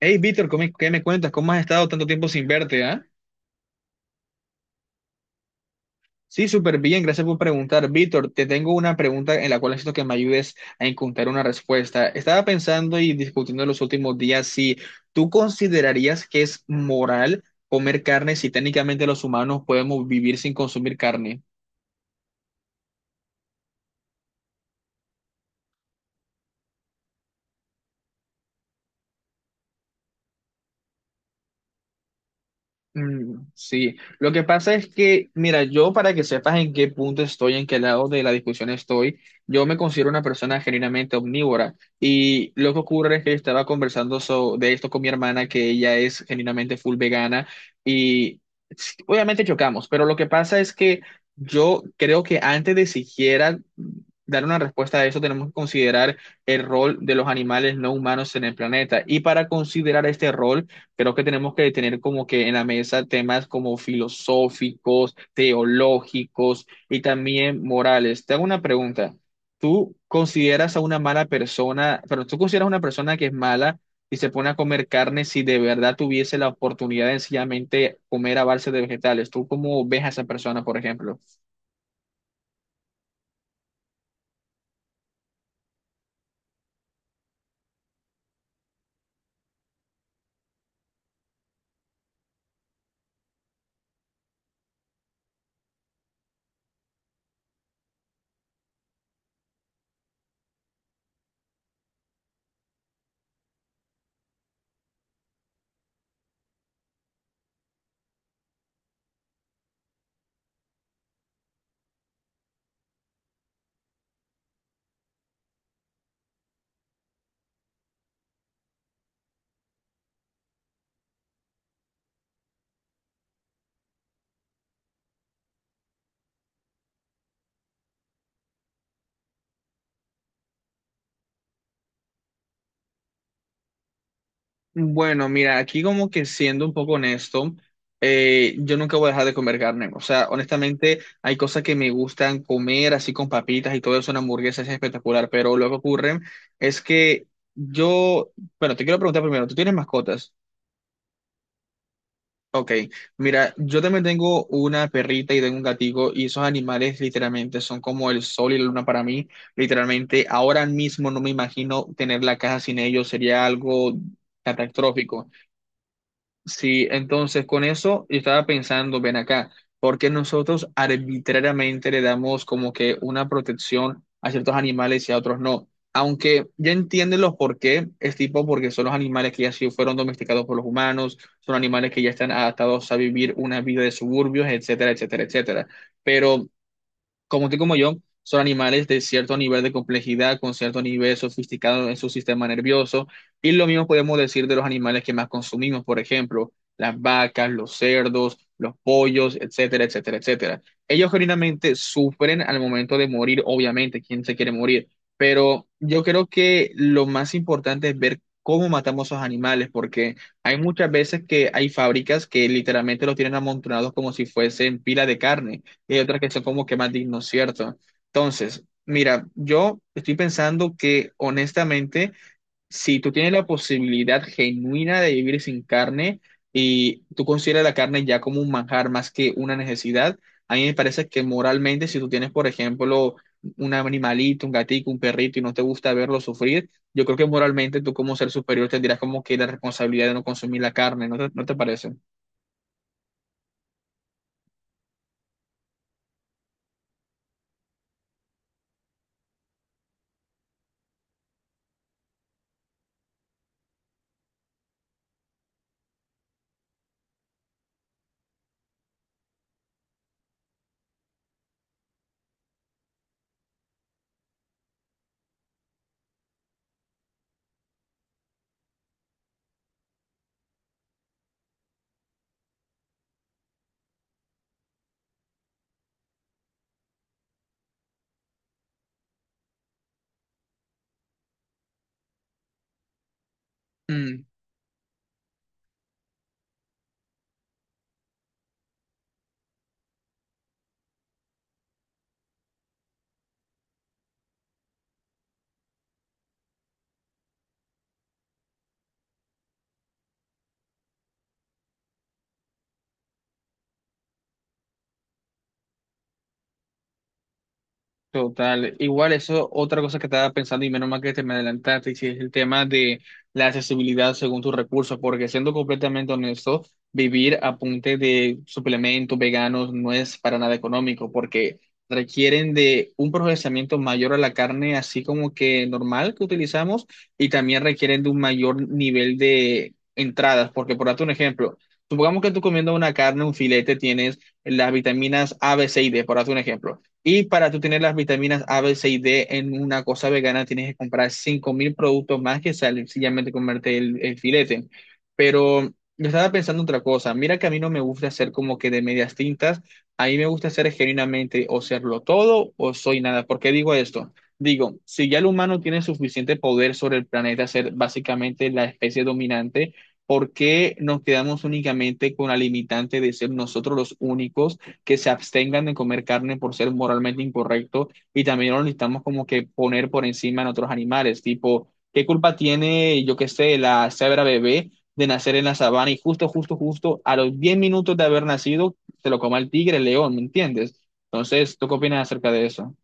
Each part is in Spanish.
Hey, Víctor, ¿qué me cuentas? ¿Cómo has estado tanto tiempo sin verte, ah? Sí, súper bien, gracias por preguntar. Víctor, te tengo una pregunta en la cual necesito que me ayudes a encontrar una respuesta. Estaba pensando y discutiendo en los últimos días si tú considerarías que es moral comer carne si técnicamente los humanos podemos vivir sin consumir carne. Mm, sí, lo que pasa es que, mira, yo para que sepas en qué punto estoy, en qué lado de la discusión estoy, yo me considero una persona genuinamente omnívora y lo que ocurre es que yo estaba conversando de esto con mi hermana, que ella es genuinamente full vegana y sí, obviamente chocamos, pero lo que pasa es que yo creo que antes de siquiera dar una respuesta a eso, tenemos que considerar el rol de los animales no humanos en el planeta y para considerar este rol creo que tenemos que tener como que en la mesa temas como filosóficos, teológicos y también morales. Te hago una pregunta. ¿Tú consideras a una mala persona, pero tú consideras a una persona que es mala y se pone a comer carne si de verdad tuviese la oportunidad de sencillamente comer a base de vegetales? ¿Tú cómo ves a esa persona, por ejemplo? Bueno, mira, aquí como que siendo un poco honesto, yo nunca voy a dejar de comer carne. O sea, honestamente, hay cosas que me gustan comer así con papitas y todo eso, una hamburguesa es espectacular, pero lo que ocurre es que yo, bueno, te quiero preguntar primero, ¿tú tienes mascotas? Ok, mira, yo también tengo una perrita y tengo un gatito y esos animales literalmente son como el sol y la luna para mí. Literalmente, ahora mismo no me imagino tener la casa sin ellos, sería algo catastrófico. Sí, entonces con eso yo estaba pensando, ven acá, ¿porque nosotros arbitrariamente le damos como que una protección a ciertos animales y a otros no? Aunque ya entienden los por qué, es tipo porque son los animales que ya sí fueron domesticados por los humanos, son animales que ya están adaptados a vivir una vida de suburbios, etcétera, etcétera, etcétera. Pero como tú y como yo, son animales de cierto nivel de complejidad, con cierto nivel sofisticado en su sistema nervioso. Y lo mismo podemos decir de los animales que más consumimos, por ejemplo, las vacas, los cerdos, los pollos, etcétera, etcétera, etcétera. Ellos genuinamente sufren al momento de morir, obviamente, ¿quién se quiere morir? Pero yo creo que lo más importante es ver cómo matamos a esos animales, porque hay muchas veces que hay fábricas que literalmente los tienen amontonados como si fuesen pila de carne y hay otras que son como que más dignos, ¿cierto? Entonces, mira, yo estoy pensando que honestamente, si tú tienes la posibilidad genuina de vivir sin carne y tú consideras la carne ya como un manjar más que una necesidad, a mí me parece que moralmente, si tú tienes, por ejemplo, un animalito, un gatito, un perrito y no te gusta verlo sufrir, yo creo que moralmente tú como ser superior tendrías como que la responsabilidad de no consumir la carne, ¿no te parece? Total, igual eso, otra cosa que estaba pensando y menos mal que te me adelantaste, y si es el tema de la accesibilidad según tus recursos, porque siendo completamente honesto, vivir a punta de suplementos veganos no es para nada económico, porque requieren de un procesamiento mayor a la carne, así como que normal que utilizamos, y también requieren de un mayor nivel de entradas, porque por darte un ejemplo, supongamos que tú comiendo una carne, un filete, tienes las vitaminas A, B, C y D, por darte un ejemplo. Y para tú tener las vitaminas A, B, C y D en una cosa vegana, tienes que comprar 5.000 productos más que sencillamente comerte el filete. Pero yo estaba pensando otra cosa. Mira que a mí no me gusta hacer como que de medias tintas. A mí me gusta hacer genuinamente o serlo todo o soy nada. ¿Por qué digo esto? Digo, si ya el humano tiene suficiente poder sobre el planeta, ser básicamente la especie dominante, ¿por qué nos quedamos únicamente con la limitante de ser nosotros los únicos que se abstengan de comer carne por ser moralmente incorrecto y también lo necesitamos como que poner por encima en otros animales? Tipo, ¿qué culpa tiene, yo qué sé, la cebra bebé de nacer en la sabana y justo, justo, justo a los 10 minutos de haber nacido se lo coma el tigre, el león? ¿Me entiendes? Entonces, ¿tú qué opinas acerca de eso?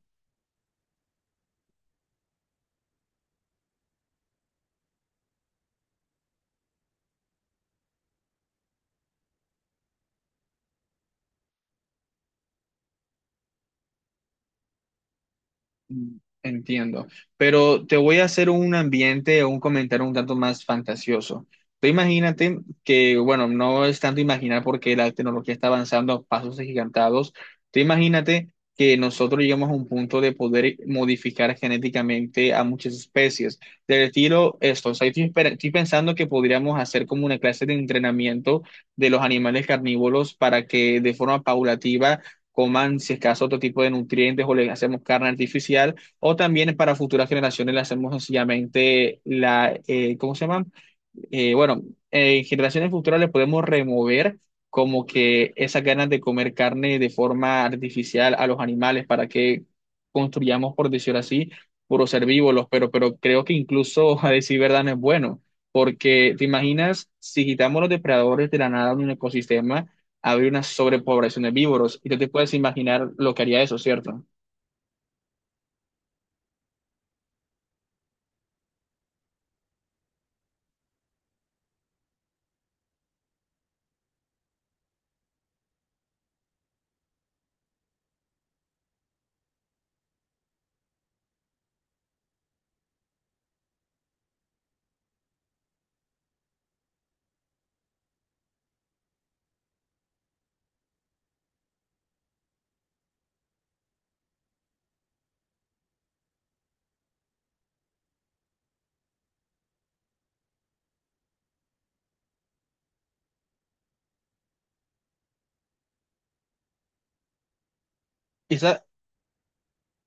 Mm, entiendo, pero te voy a hacer un ambiente o un comentario un tanto más fantasioso. Tú imagínate que, bueno, no es tanto imaginar porque la tecnología está avanzando a pasos agigantados. Tú imagínate que nosotros llegamos a un punto de poder modificar genéticamente a muchas especies. Del estilo esto, o sea, estoy pensando que podríamos hacer como una clase de entrenamiento de los animales carnívoros para que de forma paulativa coman, si es caso, otro tipo de nutrientes o le hacemos carne artificial, o también para futuras generaciones le hacemos sencillamente la, ¿cómo se llama? eh, bueno, en generaciones futuras le podemos remover como que esas ganas de comer carne de forma artificial a los animales para que construyamos, por decirlo así, puros herbívoros, pero, creo que incluso, a decir verdad, no es bueno, porque te imaginas si quitamos los depredadores de la nada de un ecosistema, habría una sobrepoblación de víboros, y tú te puedes imaginar lo que haría eso, ¿cierto? Esa,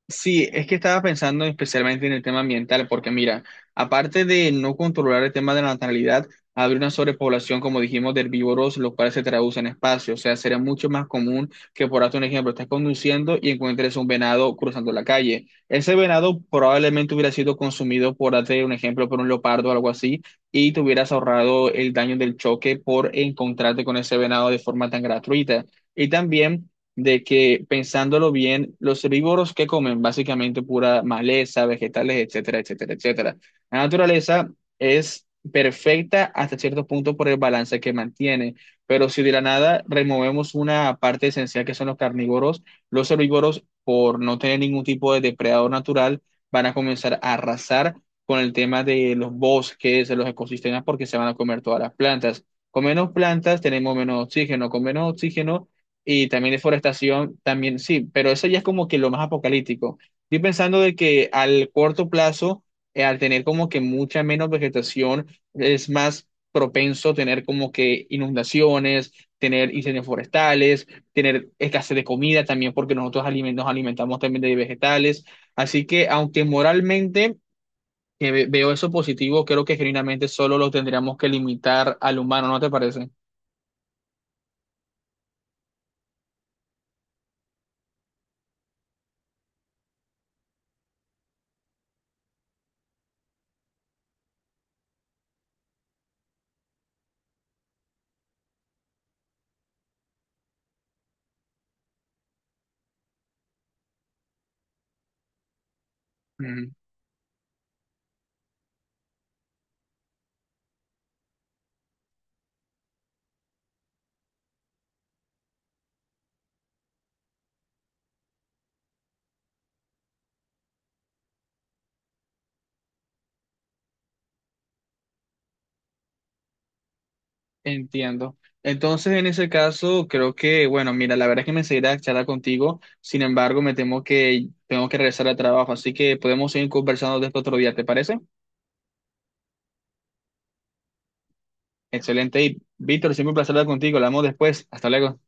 sí, es que estaba pensando especialmente en el tema ambiental, porque mira, aparte de no controlar el tema de la natalidad, habría una sobrepoblación, como dijimos, de herbívoros, los cuales se traducen en espacio. O sea, sería mucho más común que, por darte un ejemplo, estés conduciendo y encuentres un venado cruzando la calle. Ese venado probablemente hubiera sido consumido, por darte un ejemplo, por un leopardo o algo así, y te hubieras ahorrado el daño del choque por encontrarte con ese venado de forma tan gratuita. Y también de que pensándolo bien, los herbívoros que comen básicamente pura maleza, vegetales, etcétera, etcétera, etcétera. La naturaleza es perfecta hasta cierto punto por el balance que mantiene, pero si de la nada removemos una parte esencial que son los carnívoros, los herbívoros, por no tener ningún tipo de depredador natural, van a comenzar a arrasar con el tema de los bosques, de los ecosistemas, porque se van a comer todas las plantas. Con menos plantas tenemos menos oxígeno, con menos oxígeno y también deforestación, también sí, pero eso ya es como que lo más apocalíptico. Estoy pensando de que al corto plazo, al tener como que mucha menos vegetación, es más propenso tener como que inundaciones, tener incendios forestales, tener escasez de comida también, porque nosotros nos alimentamos también de vegetales. Así que aunque moralmente veo eso positivo, creo que genuinamente solo lo tendríamos que limitar al humano, ¿no te parece? Entiendo. Entonces, en ese caso, creo que, bueno, mira, la verdad es que me seguirá charlar contigo. Sin embargo, me temo que tengo que regresar al trabajo, así que podemos seguir conversando de esto otro día, ¿te parece? Excelente. Y Víctor, siempre un placer hablar contigo. Hablamos después. Hasta luego.